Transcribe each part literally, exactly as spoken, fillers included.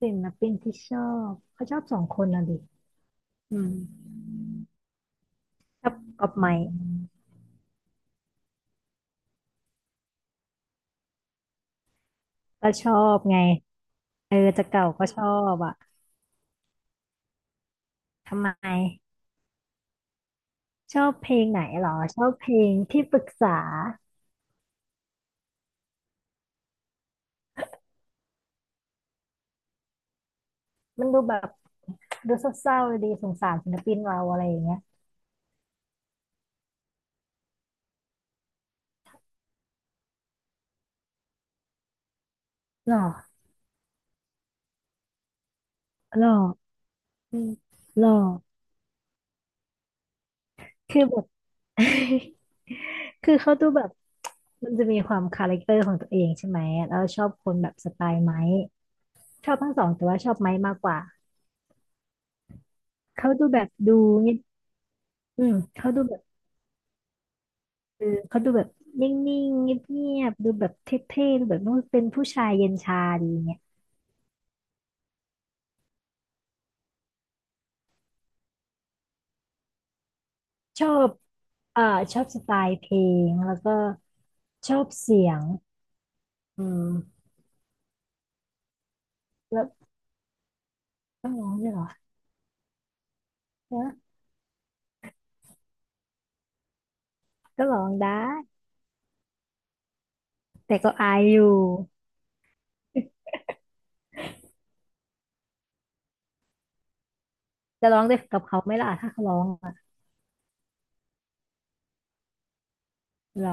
ศิลปินที่ชอบเขาชอบสองคนน่ะดิอืมชอบกับใไม่ก็ชอบไงเออจะเก่าก็ชอบอ่ะทำไมชอบเพลงไหนเหรอชอบเพลงที่ปรึกษามันดูแบบดูเศร้าๆดีสงสารศิลปินเราอะไรอย่างเงี้ยหรอหรออืมหรอคือแบบ คือเขาดูแบบมันจะมีความคาแรคเตอร์ของตัวเองใช่ไหมแล้วชอบคนแบบสไตล์ไม้ชอบทั้งสองแต่ว่าชอบไม้มากกว่า เขาดูแบบดูเงียบอืมเขาดูแบบเออเขาดูแบบนิ่งๆเงียบๆดูแบบเท่ๆดูแบบว่าเป็นผู้ชายเย็นชาดีเงี้ยชอบเอ่อชอบสไตล์เพลงแล้วก็ชอบเสียงอืมแล้วก็ร้องได้วยเหรอเออก็ร้องได้แต่ก็อายอยู่จะร้องได้กับเขาไหมล่ะถ้าเขาร้องอะหรอ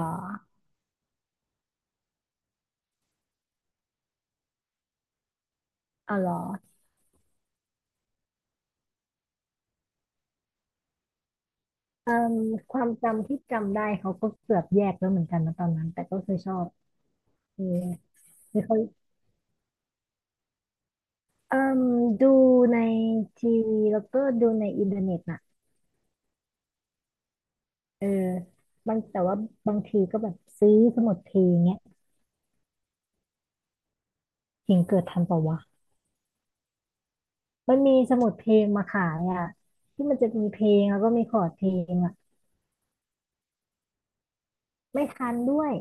เอาหรออืมความจำที่จำได้เขาก็เกือบแยกแล้วเหมือนกันนะตอนนั้นแต่ก็คือชอบเออคือเขา เอ่มดูในทีวีแล้วก็ดูในอินเทอร์เน็ตน่ะเออบางแต่ว่าบางทีก็แบบซื้อสมุดเพลงเนี้ยเพลงเกิดทันเปล่าวะมันมีสมุดเพลงมาขายอ่ะที่มันจะมีเพลงแล้วก็มีคอร์ดเพลงอ่ะไม่ทันด้วย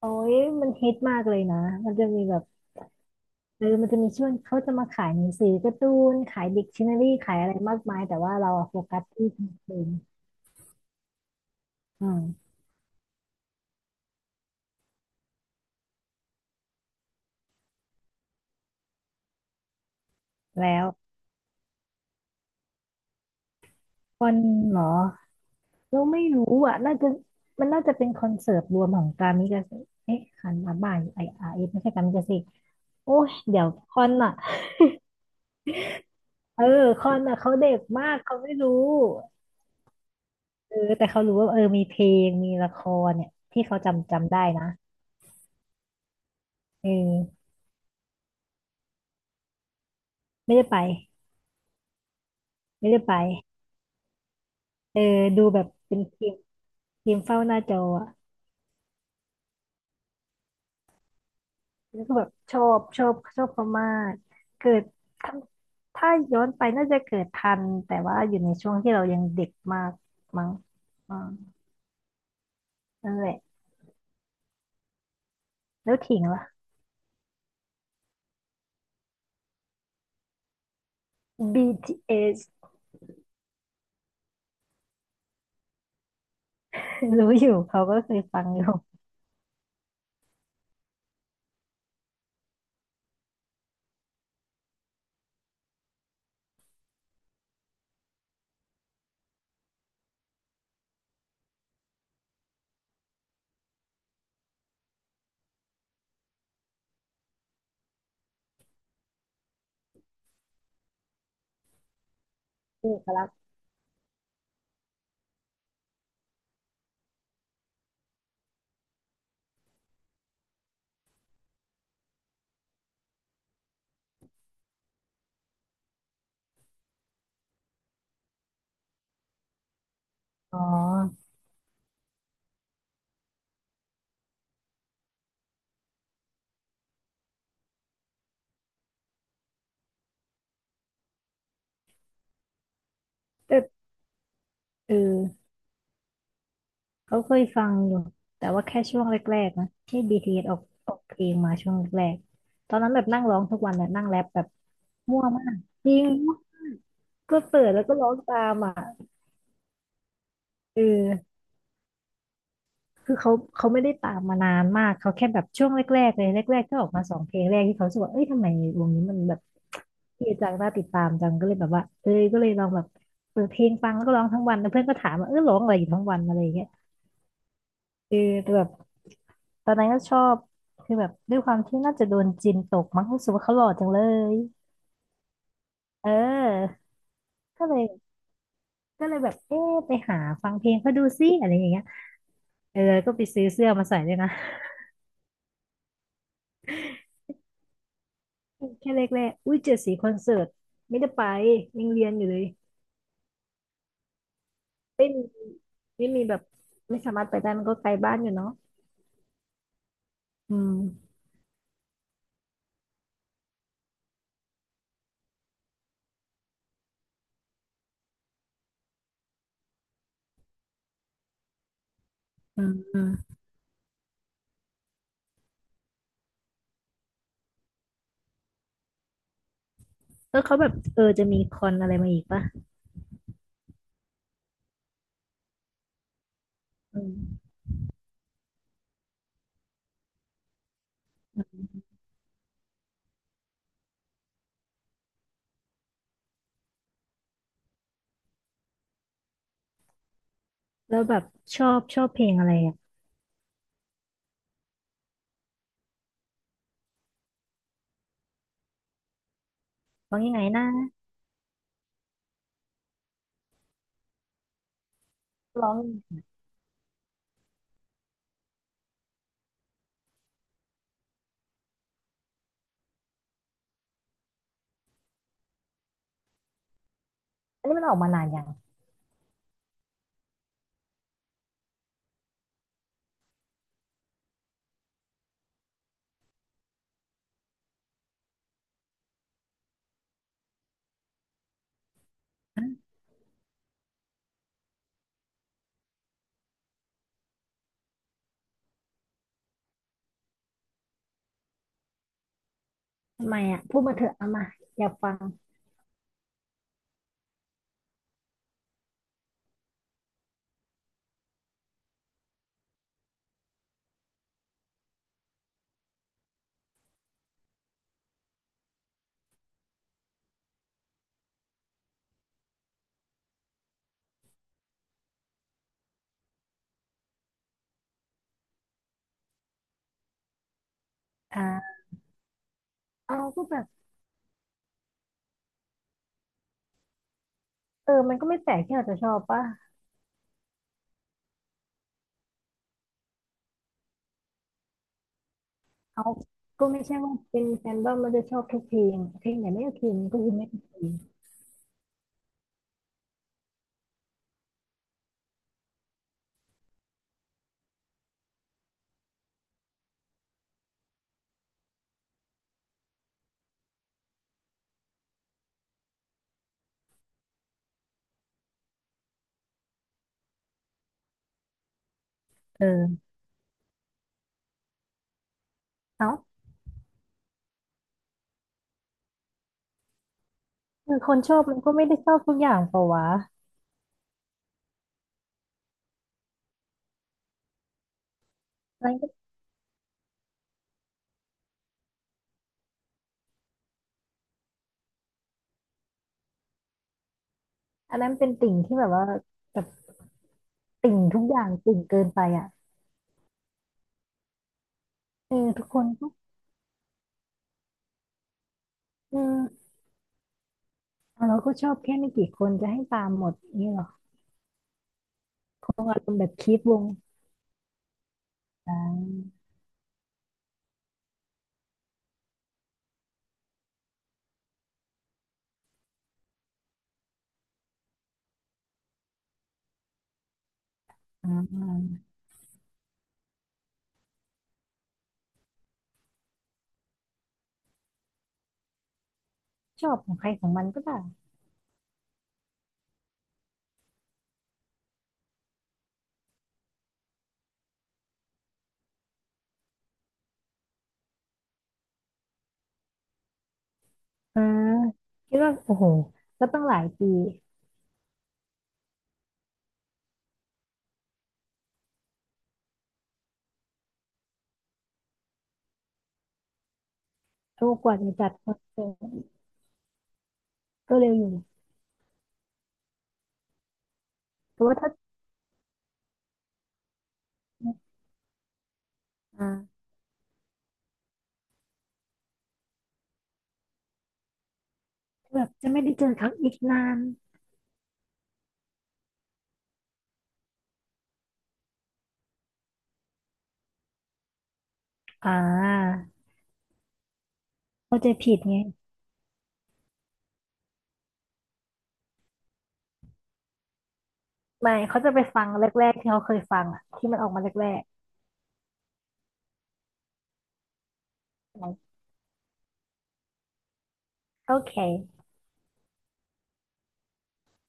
โอ้ยมันฮิตมากเลยนะมันจะมีแบบเออมันจะมีช่วงเขาจะมาขายหนังสือการ์ตูนขายดิกชันนารีขายอะไรมากมายแต่ว่าเราอะโฟกัสที่เพลงอืมแล้ววันหนึ่งเหรอ เราไม่รู้อ่ะน่าจะมันน่าจะเป็นคอนเสิร์ตรวมของกามิกาเซ่เอ๊ะคันมาบ่ายไออาร์เอสไม่ใช่กามิกาเซ่โอ้ยเดี๋ยวคอนอ่ะเออคอนอ่ะเขาเด็กมากเขาไม่รู้เออแต่เขารู้ว่าเออมีเพลงมีละครเนี่ยที่เขาจำจำได้นะเออไม่ได้ไปไม่ได้ไปเออดูแบบเป็นทีมทีมเฝ้าหน้าจออะ แล้วก็แบบชอบชอบชอบเขามากเกิดถ้าถ้าย้อนไปน่าจะเกิดทันแต่ว่าอยู่ในช่วงที่เรายังเด็กมากมั้งอ่านั่นแหละแล้วถิงล่ะ บี ที เอส รู้อยู่เขาก็เคยฟังอยู่เอกลักษณ์อ๋อแต่เออเขาเคยฟังอยู่แต่ว่าแค่ช่วงแรกๆนะที่ บี ที เอส อสออกออกเพลงมาช่วงแรกๆตอนนั้นแบบนั่งร้องทุกวันเลยนั่งแรปแบบมั่วมากจริงก็เปิดแล้วก็ร้องตามอ่ะเออ คือเขาเขาไม่ได้ตามมานานมากเขาแค่แบบช่วงแรกๆเลยแรกๆก็ออกมาสองเพลงแรกที่เขารู้สึกว่าเอ้ยทำไมวงนี้มันแบบเท่จังน่าติดตามจังก็เลยแบบว่าเอ้ยก็เลยลองแบบเปิดเพลงฟังแล้วก็ร้องทั้งวันแล้วเพื่อนก็ถามว่าเออร้องอะไรอยู่ทั้งวันอะไรอย่างเงี้ยเออแต่แบบตอนนั้นก็ชอบคือแบบด้วยความที่น่าจะโดนจินตกมั้งรู้สึกว่าเขาหล่อจังเลยเออก็เลยก็เลยแบบเอ๊ะไปหาฟังเพลงเขาดูซิอะไรอย่างเงี้ยเออก็ไปซื้อเสื้อมาใส่ด้วยนะแค่แรกๆอุ้ยเจ็ดสีคอนเสิร์ตไม่ได้ไปยังเรียนอยู่เลย ไม่มีไม่มีแบบไม่สามารถไปได้มันก็ไกลบ้านอยู่เนาะอืมอืมอืมแล้วเขาแบบเออจะมีคอนอะไรมาอีกปะอืมแล้วแบบชอบชอบเพลงอะไรอ่ะร้องยังไงนะร้องอันนี้มันออกมานานยังทำไมอ่ะพูดมาเถอะเอามาอยากฟังอ่าเอาก็แบบเออมันก็ไม่แปลกที่เราจะชอบป่ะเอาก็ไม่ใช่ว่าเป็นแฟนบ้ามันจะชอบทุกเพลงเพลงไหนไม่โอเคมันก็คือไม่โอเคเออเอาคือคนชอบมันก็ไม่ได้ชอบทุกอย่างเปล่าวะ อันนั้นเป็นติ่งที่แบบว่าแบบติ่งทุกอย่างติ่งเกินไปอ่ะเออทุกคนก็อืมเอาเราก็ชอบแค่ไม่กี่คนจะให้ตามหมดงนี่หรอคงอารมณ์แบบคีปวงอ่าอ่าชอบของใครของมันก็ได้อ่าคิดว่าโอ้โหก็ต้องหลายปีก็กว่าจะจัดคอนเสิร์ตก็เร็วอยู่เพราะว่าถ้าอ่าแบบจะไม่ได้เจอเขาอีกนานอ่าเข้าใจผิดไงไม่เขาจะไปฟังแรกๆที่เขาเคยฟังอ่ะที่มันออกมาแรกๆโอเค